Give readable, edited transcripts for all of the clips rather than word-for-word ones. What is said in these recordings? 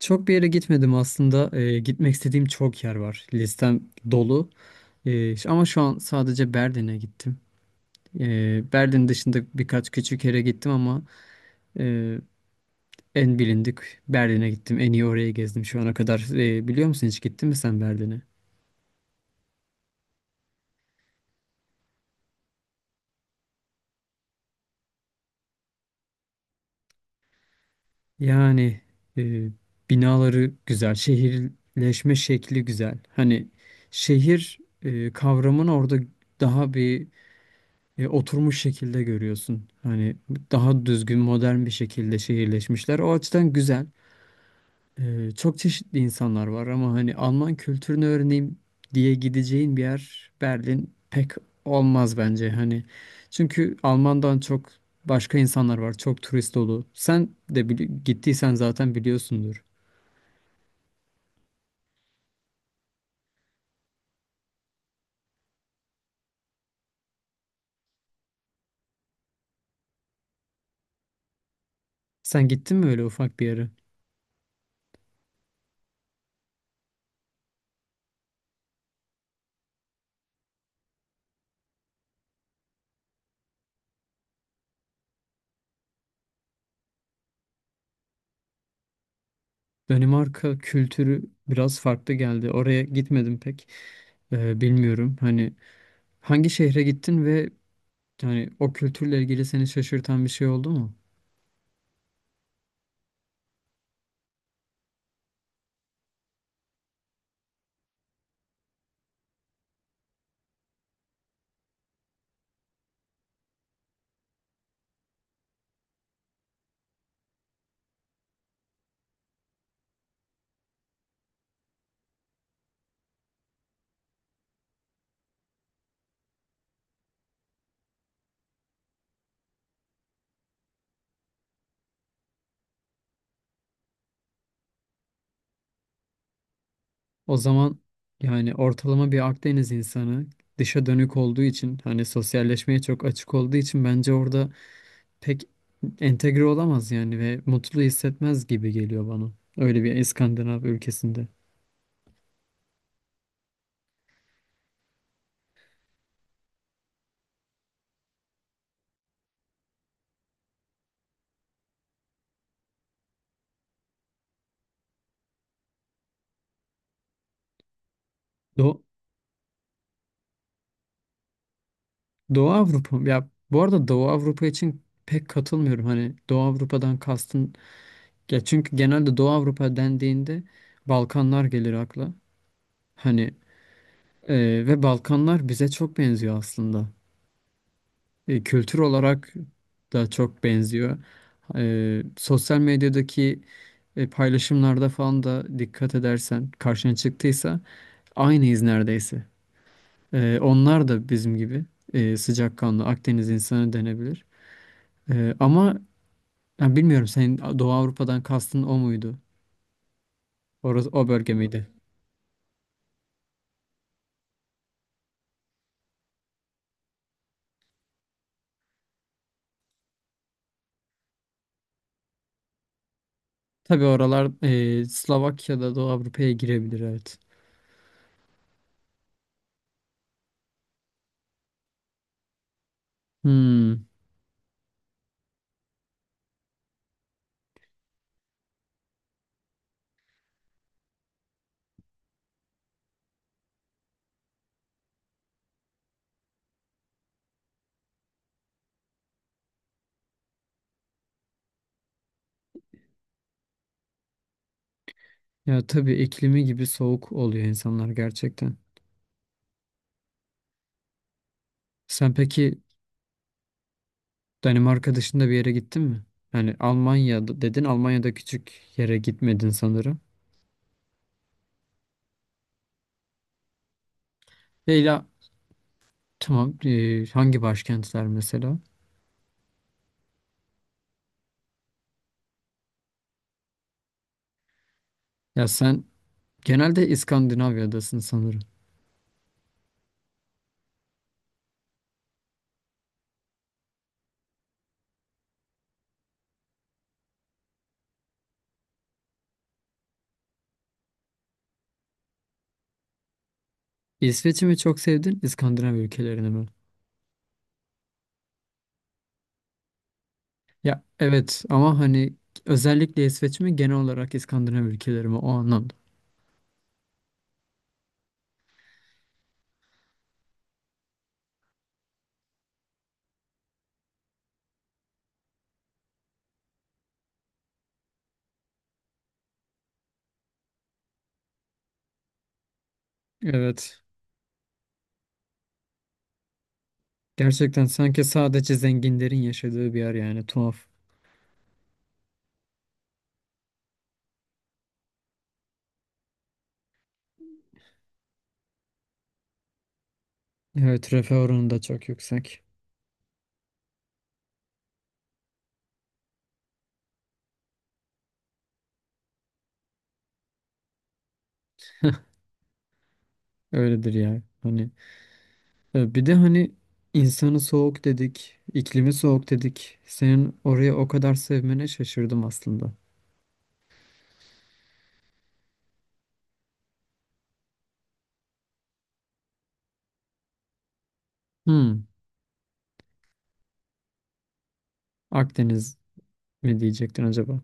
Çok bir yere gitmedim aslında. Gitmek istediğim çok yer var. Listem dolu. Ama şu an sadece Berlin'e gittim. Berlin dışında birkaç küçük yere gittim ama e, en bilindik Berlin'e gittim. En iyi orayı gezdim şu ana kadar. Biliyor musun, hiç gittin mi sen Berlin'e? Yani e, binaları güzel, şehirleşme şekli güzel. Hani şehir kavramını orada daha bir oturmuş şekilde görüyorsun. Hani daha düzgün, modern bir şekilde şehirleşmişler. O açıdan güzel. Çok çeşitli insanlar var ama hani Alman kültürünü öğreneyim diye gideceğin bir yer Berlin pek olmaz bence. Hani çünkü Alman'dan çok başka insanlar var. Çok turist dolu. Sen de gittiysen zaten biliyorsundur. Sen gittin mi öyle ufak bir yere? Danimarka kültürü biraz farklı geldi. Oraya gitmedim pek. E, bilmiyorum. Hani hangi şehre gittin ve yani o kültürle ilgili seni şaşırtan bir şey oldu mu? O zaman yani ortalama bir Akdeniz insanı dışa dönük olduğu için hani sosyalleşmeye çok açık olduğu için bence orada pek entegre olamaz yani ve mutlu hissetmez gibi geliyor bana. Öyle bir İskandinav ülkesinde. Do Doğu Avrupa ya, bu arada Doğu Avrupa için pek katılmıyorum. Hani Doğu Avrupa'dan kastın ya, çünkü genelde Doğu Avrupa dendiğinde Balkanlar gelir akla. Hani ve Balkanlar bize çok benziyor aslında. Kültür olarak da çok benziyor. Sosyal medyadaki paylaşımlarda falan da dikkat edersen, karşına çıktıysa, aynıyız neredeyse. Onlar da bizim gibi sıcakkanlı Akdeniz insanı denebilir. Ama yani bilmiyorum, senin Doğu Avrupa'dan kastın o muydu? Orası, o bölge miydi? Tabii oralar, Slovakya'da Doğu Avrupa'ya girebilir, evet. Hmm. Ya tabii, iklimi gibi soğuk oluyor insanlar gerçekten. Sen peki Danimarka dışında bir yere gittin mi? Yani Almanya'da dedin, Almanya'da küçük yere gitmedin sanırım. Leyla, tamam, hangi başkentler mesela? Ya sen genelde İskandinavya'dasın sanırım. İsveç'i mi çok sevdin, İskandinav ülkelerini mi? Ya evet, ama hani özellikle İsveç mi, genel olarak İskandinav ülkeleri mi o anlamda. Evet. Gerçekten sanki sadece zenginlerin yaşadığı bir yer, yani tuhaf. Evet, refah oranı da çok yüksek. Öyledir ya. Hani bir de hani insanı soğuk dedik, iklimi soğuk dedik. Senin orayı o kadar sevmene şaşırdım aslında. Hmm, Akdeniz mi diyecektin acaba?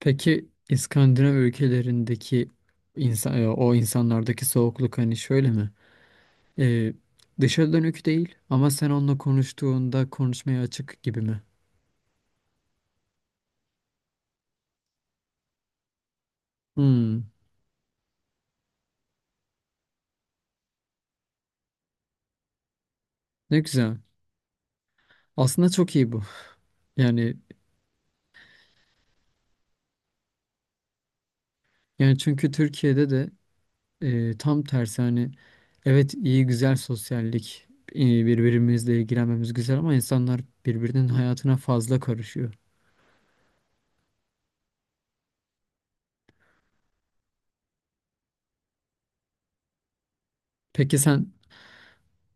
Peki İskandinav ülkelerindeki insan, o insanlardaki soğukluk hani şöyle mi? E, dışa dönük değil ama sen onunla konuştuğunda konuşmaya açık gibi mi? Hmm, ne güzel. Aslında çok iyi bu. Yani yani çünkü Türkiye'de de e, tam tersi. Hani evet, iyi, güzel sosyallik, birbirimizle ilgilenmemiz güzel, ama insanlar birbirinin hayatına fazla karışıyor. Peki sen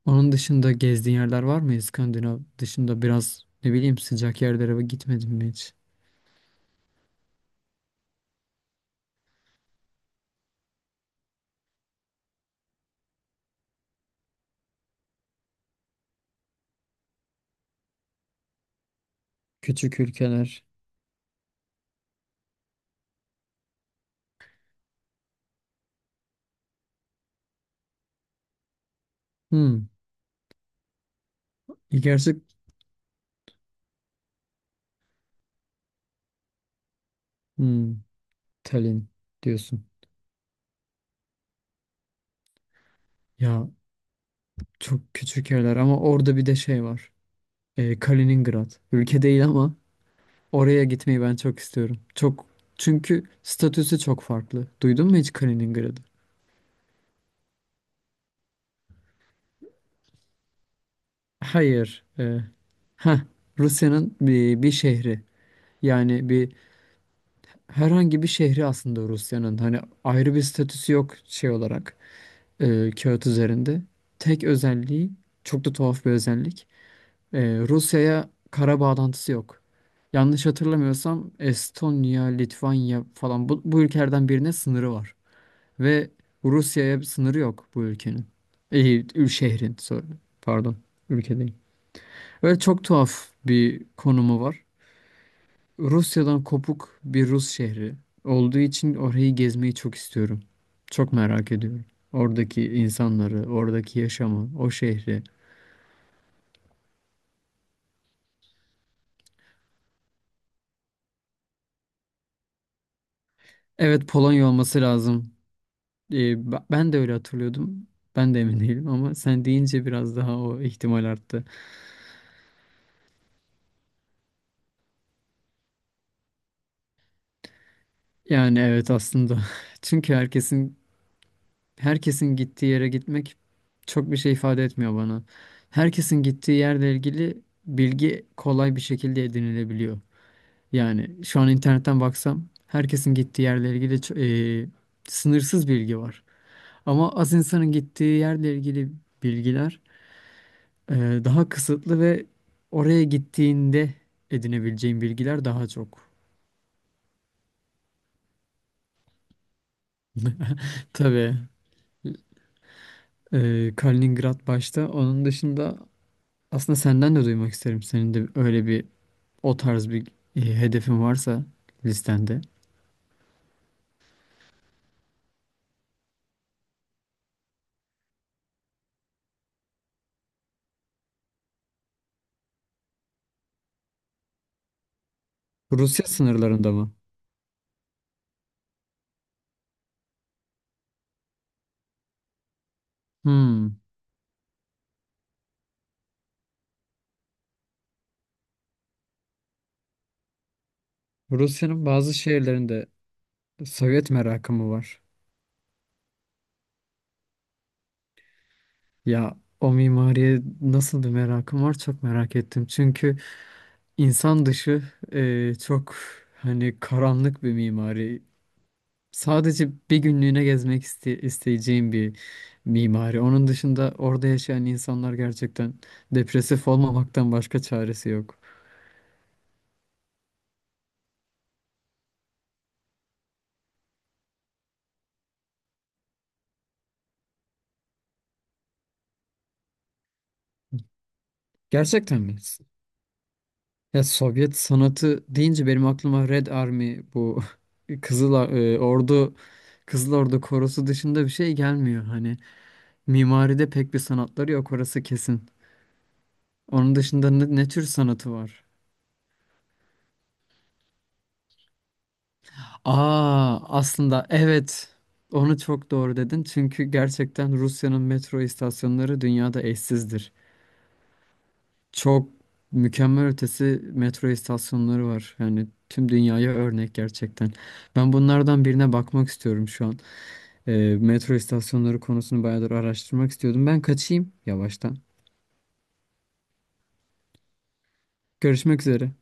onun dışında gezdiğin yerler var mı? İskandinav dışında biraz, ne bileyim, sıcak yerlere gitmedin mi hiç? Küçük ülkeler. Hmm. Gerçek hmm. Tallinn diyorsun. Ya çok küçük yerler ama orada bir de şey var. E, Kaliningrad. Ülke değil ama oraya gitmeyi ben çok istiyorum. Çok, çünkü statüsü çok farklı. Duydun mu hiç Kaliningrad'ı? Hayır. Heh, Rusya'nın bir şehri. Yani bir, herhangi bir şehri aslında Rusya'nın. Hani ayrı bir statüsü yok şey olarak, kağıt üzerinde. Tek özelliği, çok da tuhaf bir özellik. E, Rusya'ya kara bağlantısı yok. Yanlış hatırlamıyorsam Estonya, Litvanya falan, bu ülkelerden birine sınırı var. Ve Rusya'ya bir sınırı yok bu ülkenin. İyi, şehrin, sorry. Pardon, ülke değil. Ve çok tuhaf bir konumu var. Rusya'dan kopuk bir Rus şehri olduğu için orayı gezmeyi çok istiyorum. Çok merak ediyorum. Oradaki insanları, oradaki yaşamı, o şehri. Evet, Polonya olması lazım. Ben de öyle hatırlıyordum. Ben de emin değilim ama sen deyince biraz daha o ihtimal arttı. Yani evet aslında. Çünkü herkesin gittiği yere gitmek çok bir şey ifade etmiyor bana. Herkesin gittiği yerle ilgili bilgi kolay bir şekilde edinilebiliyor. Yani şu an internetten baksam herkesin gittiği yerle ilgili sınırsız bilgi var. Ama az insanın gittiği yerle ilgili bilgiler e, daha kısıtlı ve oraya gittiğinde edinebileceğin bilgiler daha çok. Tabii, Kaliningrad başta. Onun dışında aslında senden de duymak isterim. Senin de öyle bir, o tarz bir hedefin varsa listende. Rusya sınırlarında mı? Hmm. Rusya'nın bazı şehirlerinde Sovyet merakı mı var? Ya o mimariye nasıl bir merakım var, çok merak ettim. Çünkü insan dışı, çok hani karanlık bir mimari. Sadece bir günlüğüne gezmek isteyeceğim bir mimari. Onun dışında orada yaşayan insanlar gerçekten depresif olmamaktan başka çaresi yok. Gerçekten mi? Ya Sovyet sanatı deyince benim aklıma Red Army bu Ordu, Kızıl Ordu korosu dışında bir şey gelmiyor. Hani mimaride pek bir sanatları yok orası kesin. Onun dışında ne tür sanatı var? Aa aslında evet, onu çok doğru dedin. Çünkü gerçekten Rusya'nın metro istasyonları dünyada eşsizdir. Çok mükemmel ötesi metro istasyonları var. Yani tüm dünyaya örnek gerçekten. Ben bunlardan birine bakmak istiyorum şu an. Metro istasyonları konusunu bayağıdır araştırmak istiyordum. Ben kaçayım yavaştan. Görüşmek üzere.